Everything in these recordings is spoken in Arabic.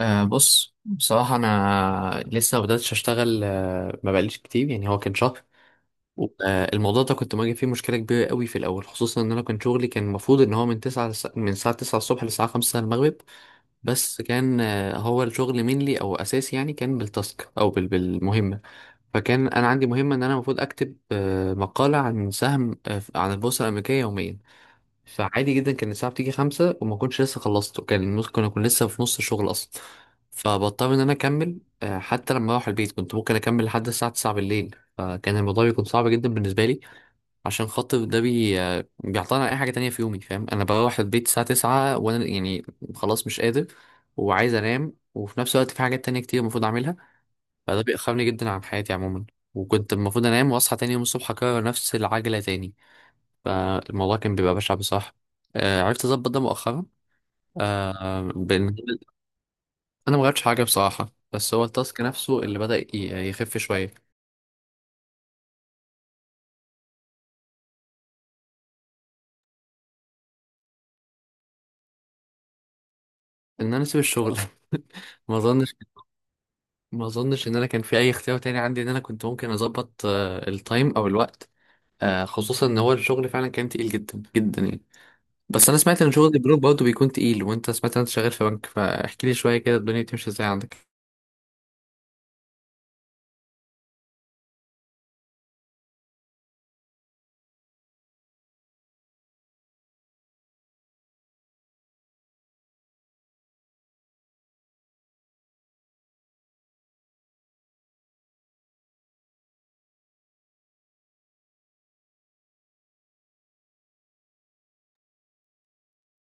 بص، بصراحة أنا لسه ما بدأتش أشتغل، ما بقاليش كتير، يعني هو كان شهر. الموضوع ده كنت مواجه فيه مشكلة كبيرة قوي في الأول، خصوصا إن أنا كان شغلي كان المفروض إن هو من الساعة تسعة الصبح للساعة 5 المغرب. بس كان هو الشغل مينلي أو أساسي، يعني كان بالتاسك بالمهمة. فكان أنا عندي مهمة إن أنا المفروض أكتب مقالة عن سهم، عن البورصة الأمريكية يوميا. فعادي جدا كان الساعة بتيجي 5 وما كنتش لسه خلصته، كان ممكن أكون لسه في نص الشغل أصلا. فبضطر إن أنا أكمل حتى لما أروح البيت كنت ممكن أكمل لحد الساعة 9 بالليل، فكان الموضوع بيكون صعب جدا بالنسبة لي. عشان خاطر ده بي آه، بيعطلني على أي حاجة تانية في يومي، فاهم؟ أنا بروح البيت الساعة 9 وأنا يعني خلاص مش قادر وعايز أنام، وفي نفس الوقت في حاجات تانية كتير المفروض أعملها. فده بيأخرني جدا عن حياتي عموما، وكنت المفروض أنام وأصحى تاني يوم الصبح أكرر نفس العجلة تاني. فالموضوع كان بيبقى بشع بصراحة. عرفت أظبط ده مؤخرا بإن أنا ما غيرتش حاجة بصراحة، بس هو التاسك نفسه اللي بدأ يخف شوية. إن أنا أسيب الشغل؟ ما أظنش. ما أظنش إن أنا كان في أي اختيار تاني عندي، إن أنا كنت ممكن أظبط التايم أو الوقت. خصوصا إن هو الشغل فعلا كان تقيل جدا جدا يعني. بس أنا سمعت إن شغل البنوك برضه بيكون تقيل، وأنت سمعت إن أنت شغال في بنك، فاحكي لي شوية كده الدنيا بتمشي إزاي عندك.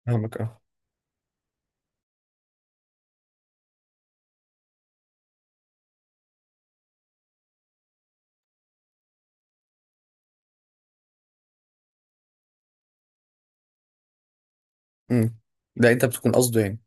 فاهمك اه. امم ده انت بتكون قصده يعني.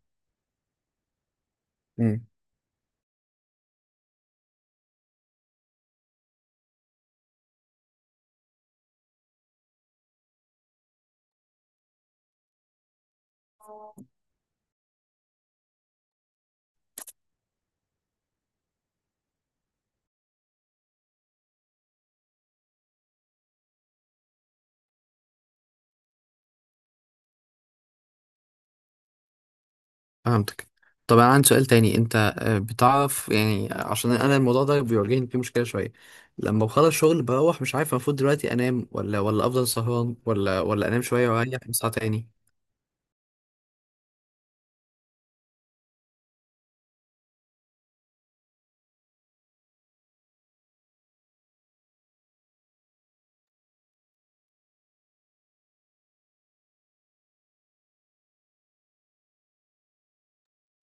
فهمتك. طب انا عندي سؤال تاني، انت بتعرف يعني، عشان انا الموضوع ده بيواجهني فيه مشكله شويه. لما بخلص شغل بروح مش عارف المفروض دلوقتي انام ولا افضل سهران ولا انام شويه واريح اصحى تاني.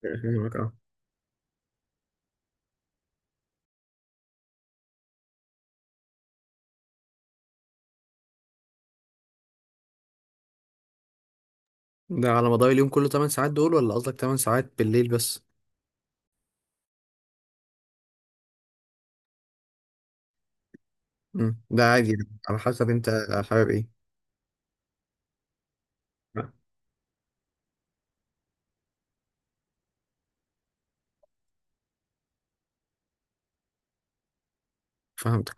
فاهمك اه. ده على مدار اليوم كله 8 ساعات دول ولا قصدك 8 ساعات بالليل بس؟ مم. ده عادي يعني، على حسب انت حابب ايه. لا. فهمتك.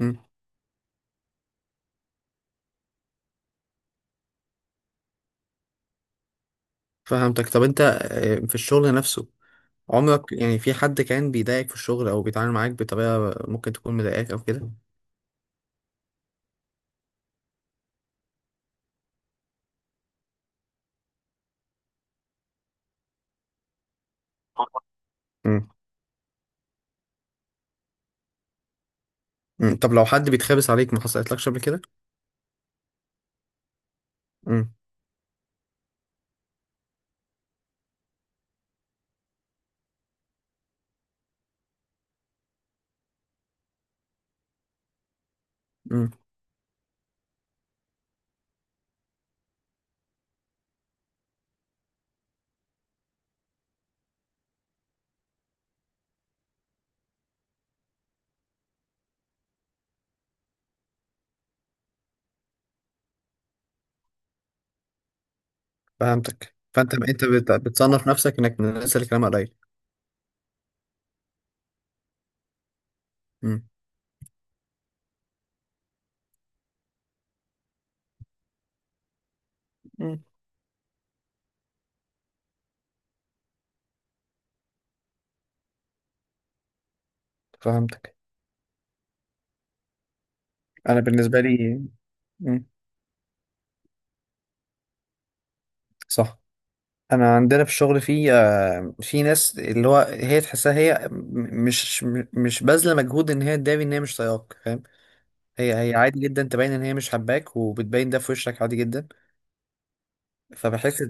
مم. فهمتك. طب انت في الشغل نفسه، عمرك يعني في حد كان بيضايقك في الشغل او بيتعامل معاك بطريقه ممكن تكون مضايقاك او كده؟ مم. طب لو حد بيتخابس عليك ما حصلتلكش قبل كده؟ امم امم فهمتك. فانت انت بتصنف نفسك انك من الناس اللي كلامها قليل؟ امم امم فهمتك. انا بالنسبه لي. امم صح. انا عندنا في الشغل في في ناس، اللي هو هي تحسها هي مش باذله مجهود ان هي تداري ان هي مش طايقاك، فاهم؟ هي هي عادي جدا تبين ان هي مش حباك، وبتبين ده في وشك عادي جدا. فبحس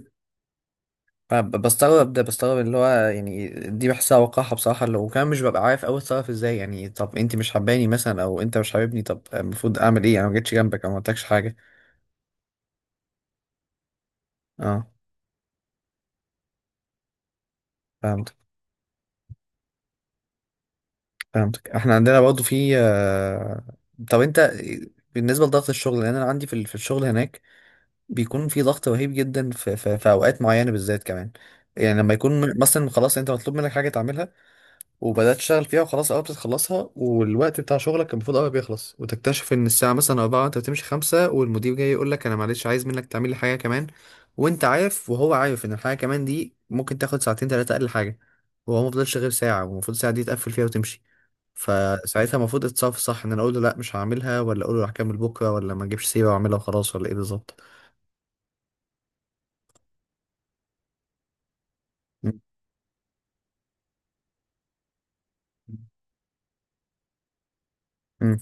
أنا بستغرب ده، بستغرب اللي هو يعني، دي بحسها وقاحة بصراحة، اللي وكمان مش ببقى عارف أوي أتصرف إزاي، يعني طب أنت مش حباني مثلا أو أنت مش حاببني، طب المفروض أعمل إيه؟ أنا ما جيتش جنبك أو ما قلتلكش حاجة. أه، فهمتك. إحنا عندنا برضه في طب أنت بالنسبة لضغط الشغل، لأن أنا عندي في في الشغل هناك بيكون في ضغط رهيب جدا في أوقات معينة بالذات كمان، يعني لما يكون مثلا خلاص أنت مطلوب منك حاجة تعملها، وبدات تشتغل فيها وخلاص اه بتخلصها، والوقت بتاع شغلك كان المفروض قوي بيخلص، وتكتشف ان الساعه مثلا 4، انت بتمشي 5، والمدير جاي يقول لك انا معلش عايز منك تعمل لي حاجه كمان. وانت عارف وهو عارف ان الحاجه كمان دي ممكن تاخد ساعتين ثلاثه اقل حاجه، وهو ما فضلش غير ساعه، والمفروض الساعه دي تقفل فيها وتمشي. فساعتها المفروض اتصرف صح؟ ان انا اقول له لا مش هعملها، ولا اقول له هكمل بكره، ولا ما اجيبش سيره واعملها وخلاص، ولا ايه بالظبط؟ م- م-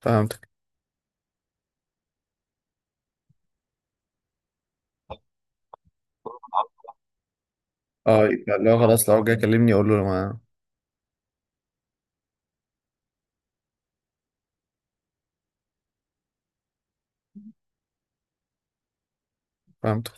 فهمتك. اه، يبقى لو خلاص لو جاي كلمني اقول له ما. فهمت.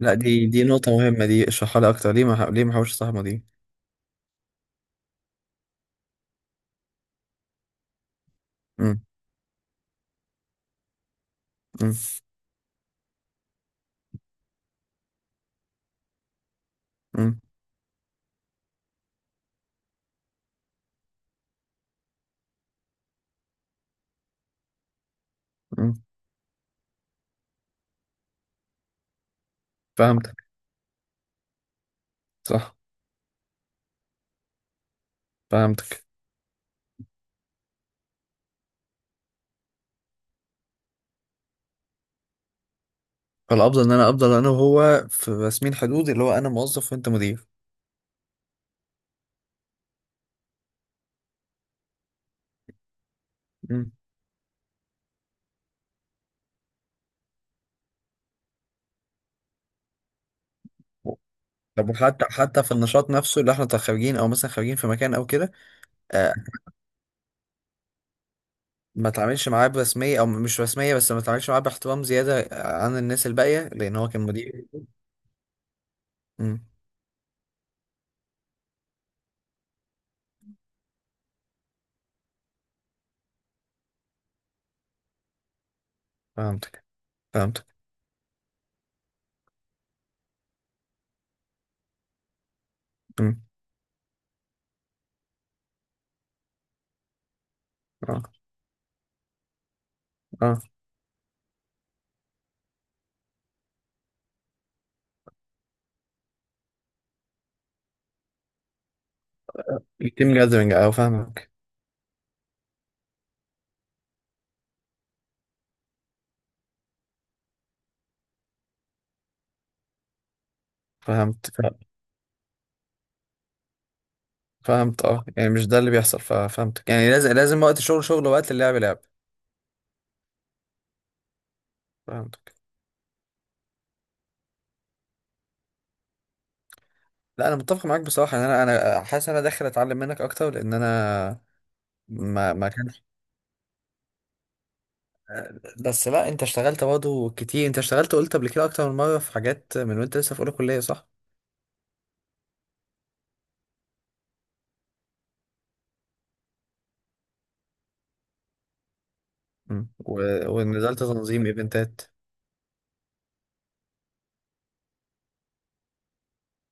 لا، دي نقطة مهمة دي، اشرحها لي أكتر، ليه ما حاولش صاحبه دي؟ مم. مم. مم. مم. فهمتك. صح. فهمتك. فالأفضل إن أنا أفضل أنا وهو في رسمين حدود، اللي هو أنا موظف وأنت مدير. مم. طب وحتى حتى في النشاط نفسه اللي احنا خارجين او مثلا خارجين في مكان او كده؟ آه. ما تعاملش معاه برسميه او مش رسميه، بس ما تعاملش معاه باحترام زياده عن الناس الباقيه لان هو كان مدير. مم. فهمتك. فهمتك. مم. اه. اه، يتم جاذبنج او فاهمك. فهمت. فهمت اه، يعني مش ده اللي بيحصل ففهمتك، يعني لازم لازم وقت الشغل شغل ووقت اللعب لعب. فهمتك. لا انا متفق معاك بصراحه ان انا، انا حاسس ان انا داخل اتعلم منك اكتر لان انا ما كانش بس لا انت اشتغلت برضه كتير، انت اشتغلت قلت قبل كده اكتر من مره في حاجات من وانت لسه في اولى كليه صح. مم. ونزلت تنظيم ايفنتات.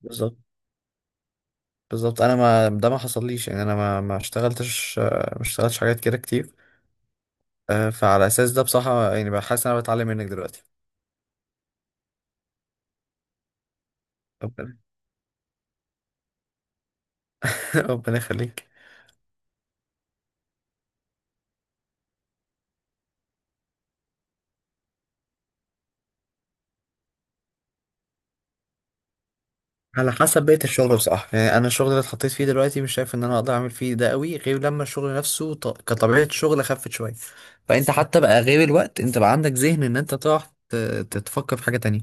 بالظبط. انا ما ده ما حصليش يعني، انا ما اشتغلتش حاجات كده كتير. فعلى اساس ده بصراحه يعني بحس ان انا بتعلم منك دلوقتي. ربنا. ربنا يخليك. على حسب بيئة الشغل بصراحة، يعني أنا الشغل اللي اتحطيت فيه دلوقتي مش شايف إن أنا أقدر أعمل فيه ده قوي، غير لما الشغل نفسه كطبيعة شغل خفت شوية، فأنت حتى بقى غير الوقت أنت بقى عندك ذهن إن أنت تقعد ت... تتفكر في حاجة تانية.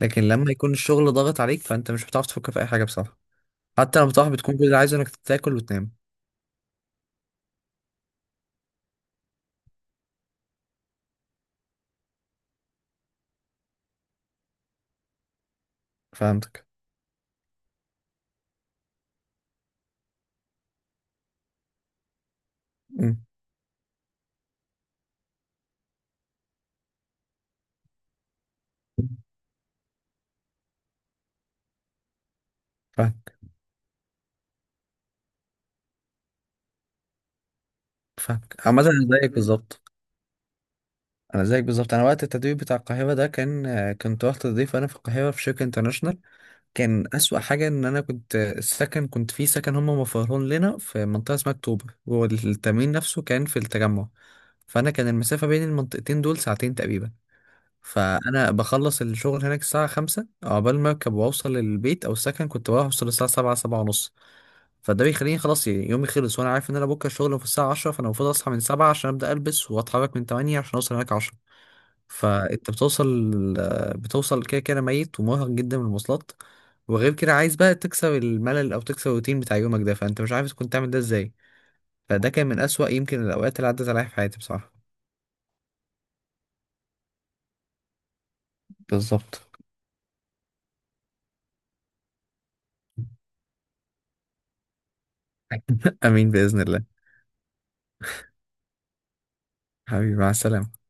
لكن لما يكون الشغل ضاغط عليك فأنت مش بتعرف تفكر في أي حاجة بصراحة، حتى لما بتروح بتكون كل اللي عايزه إنك تاكل وتنام. فهمتك. أمم. فاهمك. فاهمك، عامة أنا زيك بالظبط. أنا زيك بالظبط، أنا وقت التدريب بتاع القاهرة ده كان، كنت رحت تضيف أنا في القاهرة في شركة انترناشونال. كان أسوأ حاجة إن أنا كنت السكن كنت في سكن هم موفرهولنا لنا في منطقة اسمها أكتوبر، والتمرين نفسه كان في التجمع، فأنا كان المسافة بين المنطقتين دول ساعتين تقريبا. فأنا بخلص الشغل هناك الساعة 5 عقبال ما أركب وأوصل للبيت أو السكن، كنت بروح أوصل الساعة 7 7:30. فده بيخليني خلاص يعني يومي خلص، وأنا عارف إن أنا بكرة الشغل في الساعة 10، فأنا المفروض أصحى من 7 عشان أبدأ ألبس وأتحرك من 8 عشان أوصل هناك 10. فانت بتوصل كده كده ميت ومرهق جدا من المواصلات، وغير كده عايز بقى تكسر الملل او تكسر الروتين بتاع يومك ده، فانت مش عارف كنت تعمل ده ازاي. فده كان من اسوأ يمكن الاوقات اللي عدت عليا في حياتي بصراحة. بالظبط. امين باذن الله. حبيبي، مع السلامة.